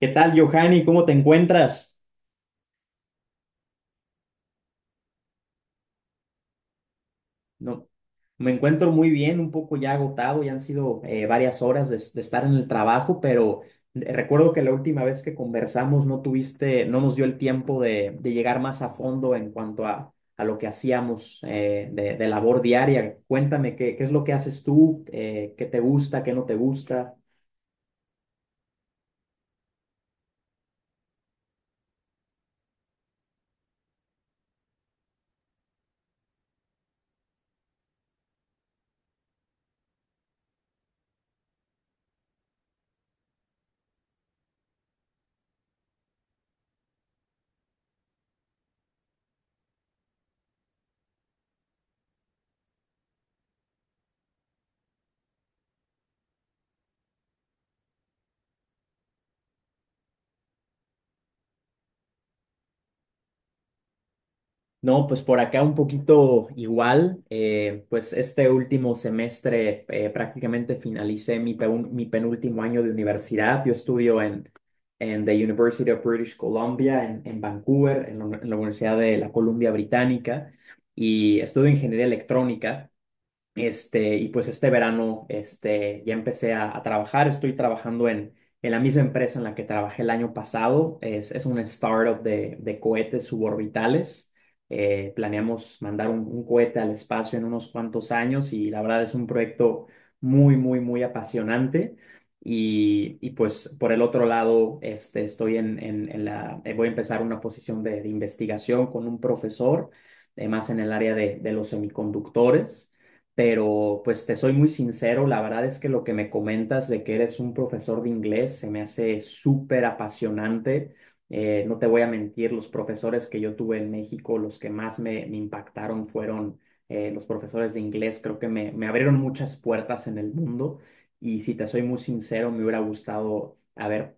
¿Qué tal, Johanny? ¿Cómo te encuentras? No, me encuentro muy bien, un poco ya agotado, ya han sido varias horas de estar en el trabajo, pero recuerdo que la última vez que conversamos no tuviste, no nos dio el tiempo de llegar más a fondo en cuanto a lo que hacíamos de labor diaria. Cuéntame, ¿qué es lo que haces tú? ¿Qué te gusta? ¿Qué no te gusta? No, pues por acá un poquito igual. Pues este último semestre prácticamente finalicé mi penúltimo año de universidad. Yo estudio en the University of British Columbia, en Vancouver, en la Universidad de la Columbia Británica, y estudio ingeniería electrónica. Y pues este verano ya empecé a trabajar, estoy trabajando en la misma empresa en la que trabajé el año pasado, es una startup de cohetes suborbitales. Planeamos mandar un cohete al espacio en unos cuantos años, y la verdad es un proyecto muy, muy, muy apasionante. Y pues por el otro lado, estoy voy a empezar una posición de investigación con un profesor, más en el área de los semiconductores, pero pues te soy muy sincero, la verdad es que lo que me comentas de que eres un profesor de inglés se me hace súper apasionante. No te voy a mentir, los profesores que yo tuve en México, los que más me impactaron fueron los profesores de inglés. Creo que me abrieron muchas puertas en el mundo, y si te soy muy sincero, me hubiera gustado haber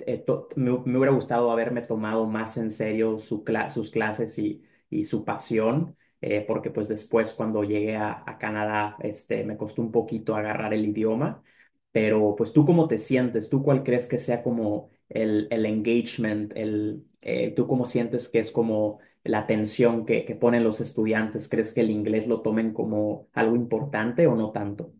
me hubiera gustado haberme tomado más en serio sus clases y su pasión, porque pues después cuando llegué a Canadá, me costó un poquito agarrar el idioma, pero pues tú cómo te sientes, tú cuál crees que sea como el engagement, tú cómo sientes que es como la atención que ponen los estudiantes, ¿crees que el inglés lo tomen como algo importante o no tanto?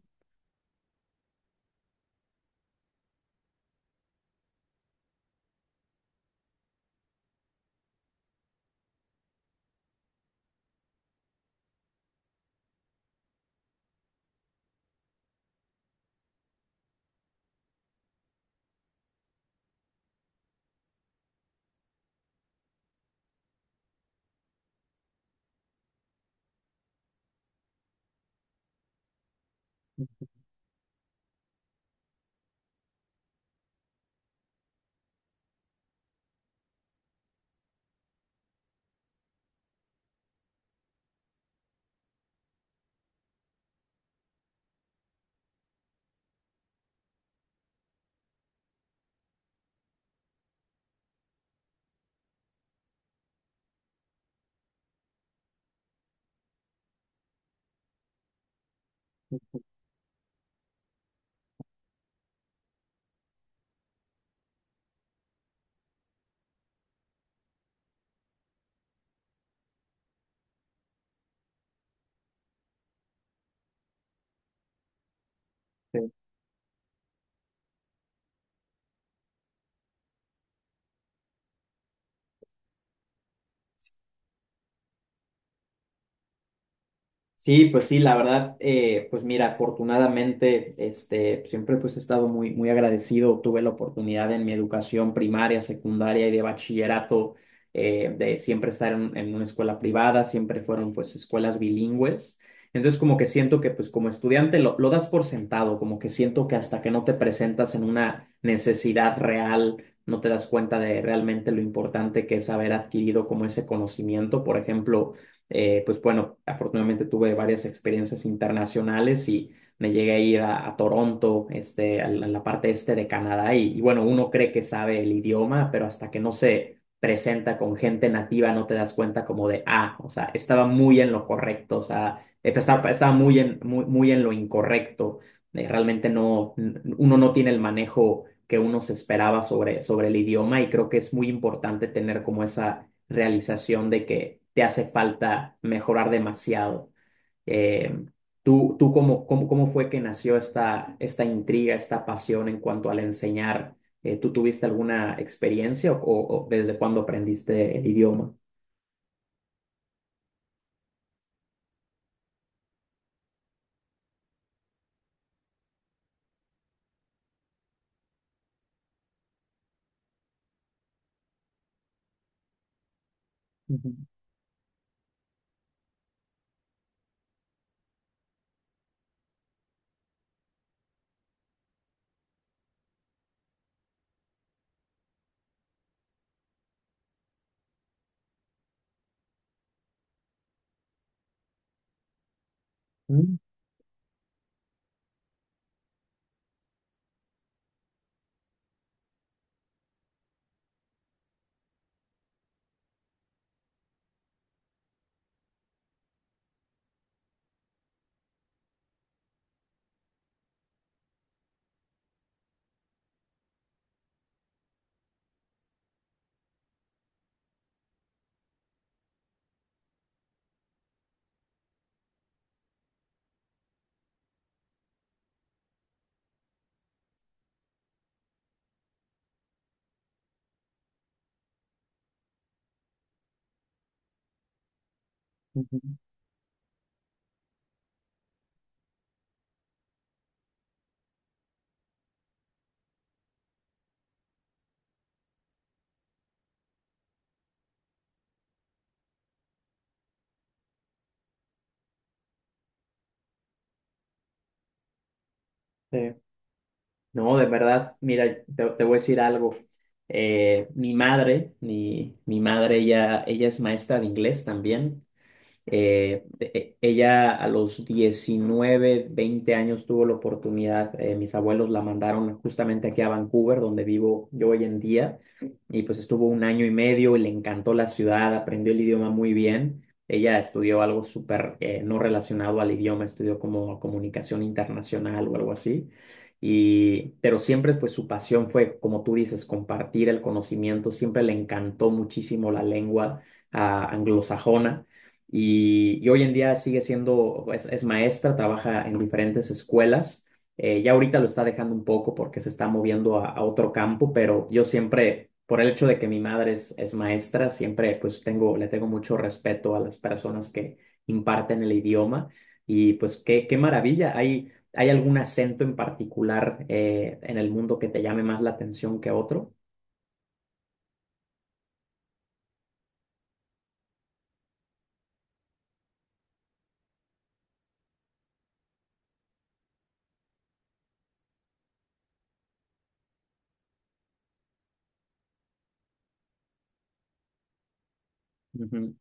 Sí, pues sí, la verdad, pues mira, afortunadamente, siempre pues he estado muy, muy agradecido. Tuve la oportunidad en mi educación primaria, secundaria y de bachillerato, de siempre estar en una escuela privada, siempre fueron pues escuelas bilingües. Entonces como que siento que pues como estudiante lo das por sentado, como que siento que hasta que no te presentas en una necesidad real, no te das cuenta de realmente lo importante que es haber adquirido como ese conocimiento. Por ejemplo, pues bueno, afortunadamente tuve varias experiencias internacionales y me llegué a ir a Toronto, a la parte este de Canadá y bueno, uno cree que sabe el idioma, pero hasta que no se presenta con gente nativa no te das cuenta como de, ah, o sea, estaba muy en lo correcto, o sea, estaba, estaba muy en, muy, muy en lo incorrecto. Realmente no, uno no tiene el manejo que uno se esperaba sobre el idioma, y creo que es muy importante tener como esa realización de que te hace falta mejorar demasiado. Eh, tú cómo, cómo fue que nació esta, esta intriga, esta pasión en cuanto al enseñar? ¿Tú tuviste alguna experiencia o, o desde cuándo aprendiste el idioma? Ujú, ujú, ujú. Sí. No, de verdad, mira, te voy a decir algo. Mi madre, mi madre, ella es maestra de inglés también. Ella a los 19 20 años tuvo la oportunidad, mis abuelos la mandaron justamente aquí a Vancouver, donde vivo yo hoy en día, y pues estuvo un año y medio y le encantó la ciudad, aprendió el idioma muy bien. Ella estudió algo súper no relacionado al idioma, estudió como comunicación internacional o algo así. Y, pero siempre pues su pasión fue, como tú dices, compartir el conocimiento, siempre le encantó muchísimo la lengua, ah, anglosajona, y hoy en día sigue siendo, es maestra, trabaja en diferentes escuelas. Ya ahorita lo está dejando un poco porque se está moviendo a otro campo, pero yo siempre, por el hecho de que mi madre es maestra, siempre pues tengo, le tengo mucho respeto a las personas que imparten el idioma. Y pues qué, qué maravilla. ¿Hay algún acento en particular, en el mundo que te llame más la atención que otro? Ujú,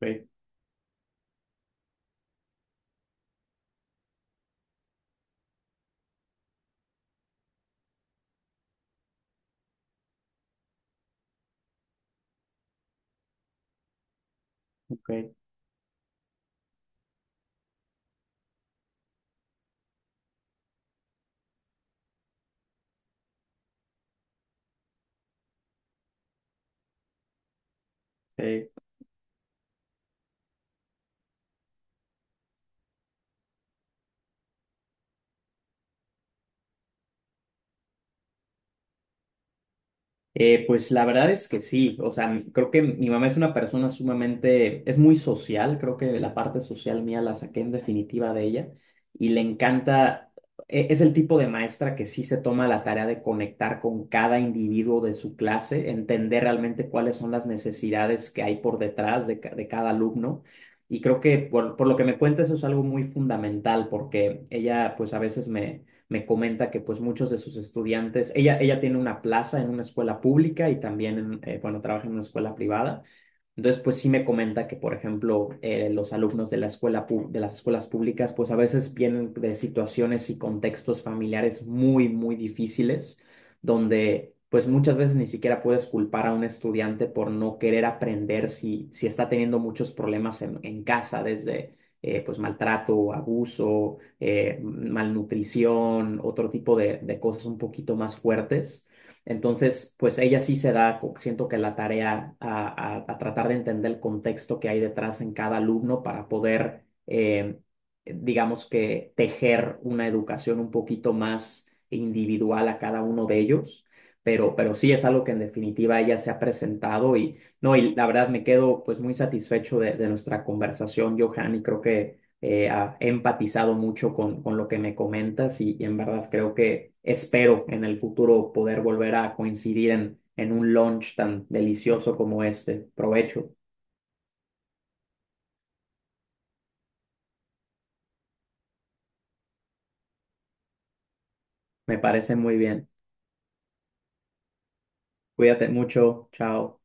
ok, ok, sí. Pues la verdad es que sí, o sea, creo que mi mamá es una persona sumamente, es muy social, creo que la parte social mía la saqué en definitiva de ella y le encanta, es el tipo de maestra que sí se toma la tarea de conectar con cada individuo de su clase, entender realmente cuáles son las necesidades que hay por detrás de, de cada alumno. Y creo que por lo que me cuenta eso es algo muy fundamental porque ella pues a veces me comenta que pues muchos de sus estudiantes, ella tiene una plaza en una escuela pública y también, bueno, trabaja en una escuela privada. Entonces, pues sí me comenta que, por ejemplo, los alumnos de de las escuelas públicas, pues a veces vienen de situaciones y contextos familiares muy, muy difíciles, donde pues muchas veces ni siquiera puedes culpar a un estudiante por no querer aprender si, si está teniendo muchos problemas en casa, desde pues maltrato, abuso, malnutrición, otro tipo de cosas un poquito más fuertes. Entonces, pues ella sí se da, siento que la tarea a tratar de entender el contexto que hay detrás en cada alumno para poder, digamos que, tejer una educación un poquito más individual a cada uno de ellos. Pero sí es algo que en definitiva ella se ha presentado, y no, y la verdad me quedo pues muy satisfecho de nuestra conversación, Johan, y creo que ha empatizado mucho con lo que me comentas, y en verdad creo que espero en el futuro poder volver a coincidir en un lunch tan delicioso como este. Provecho, me parece muy bien. Cuídate mucho, chao.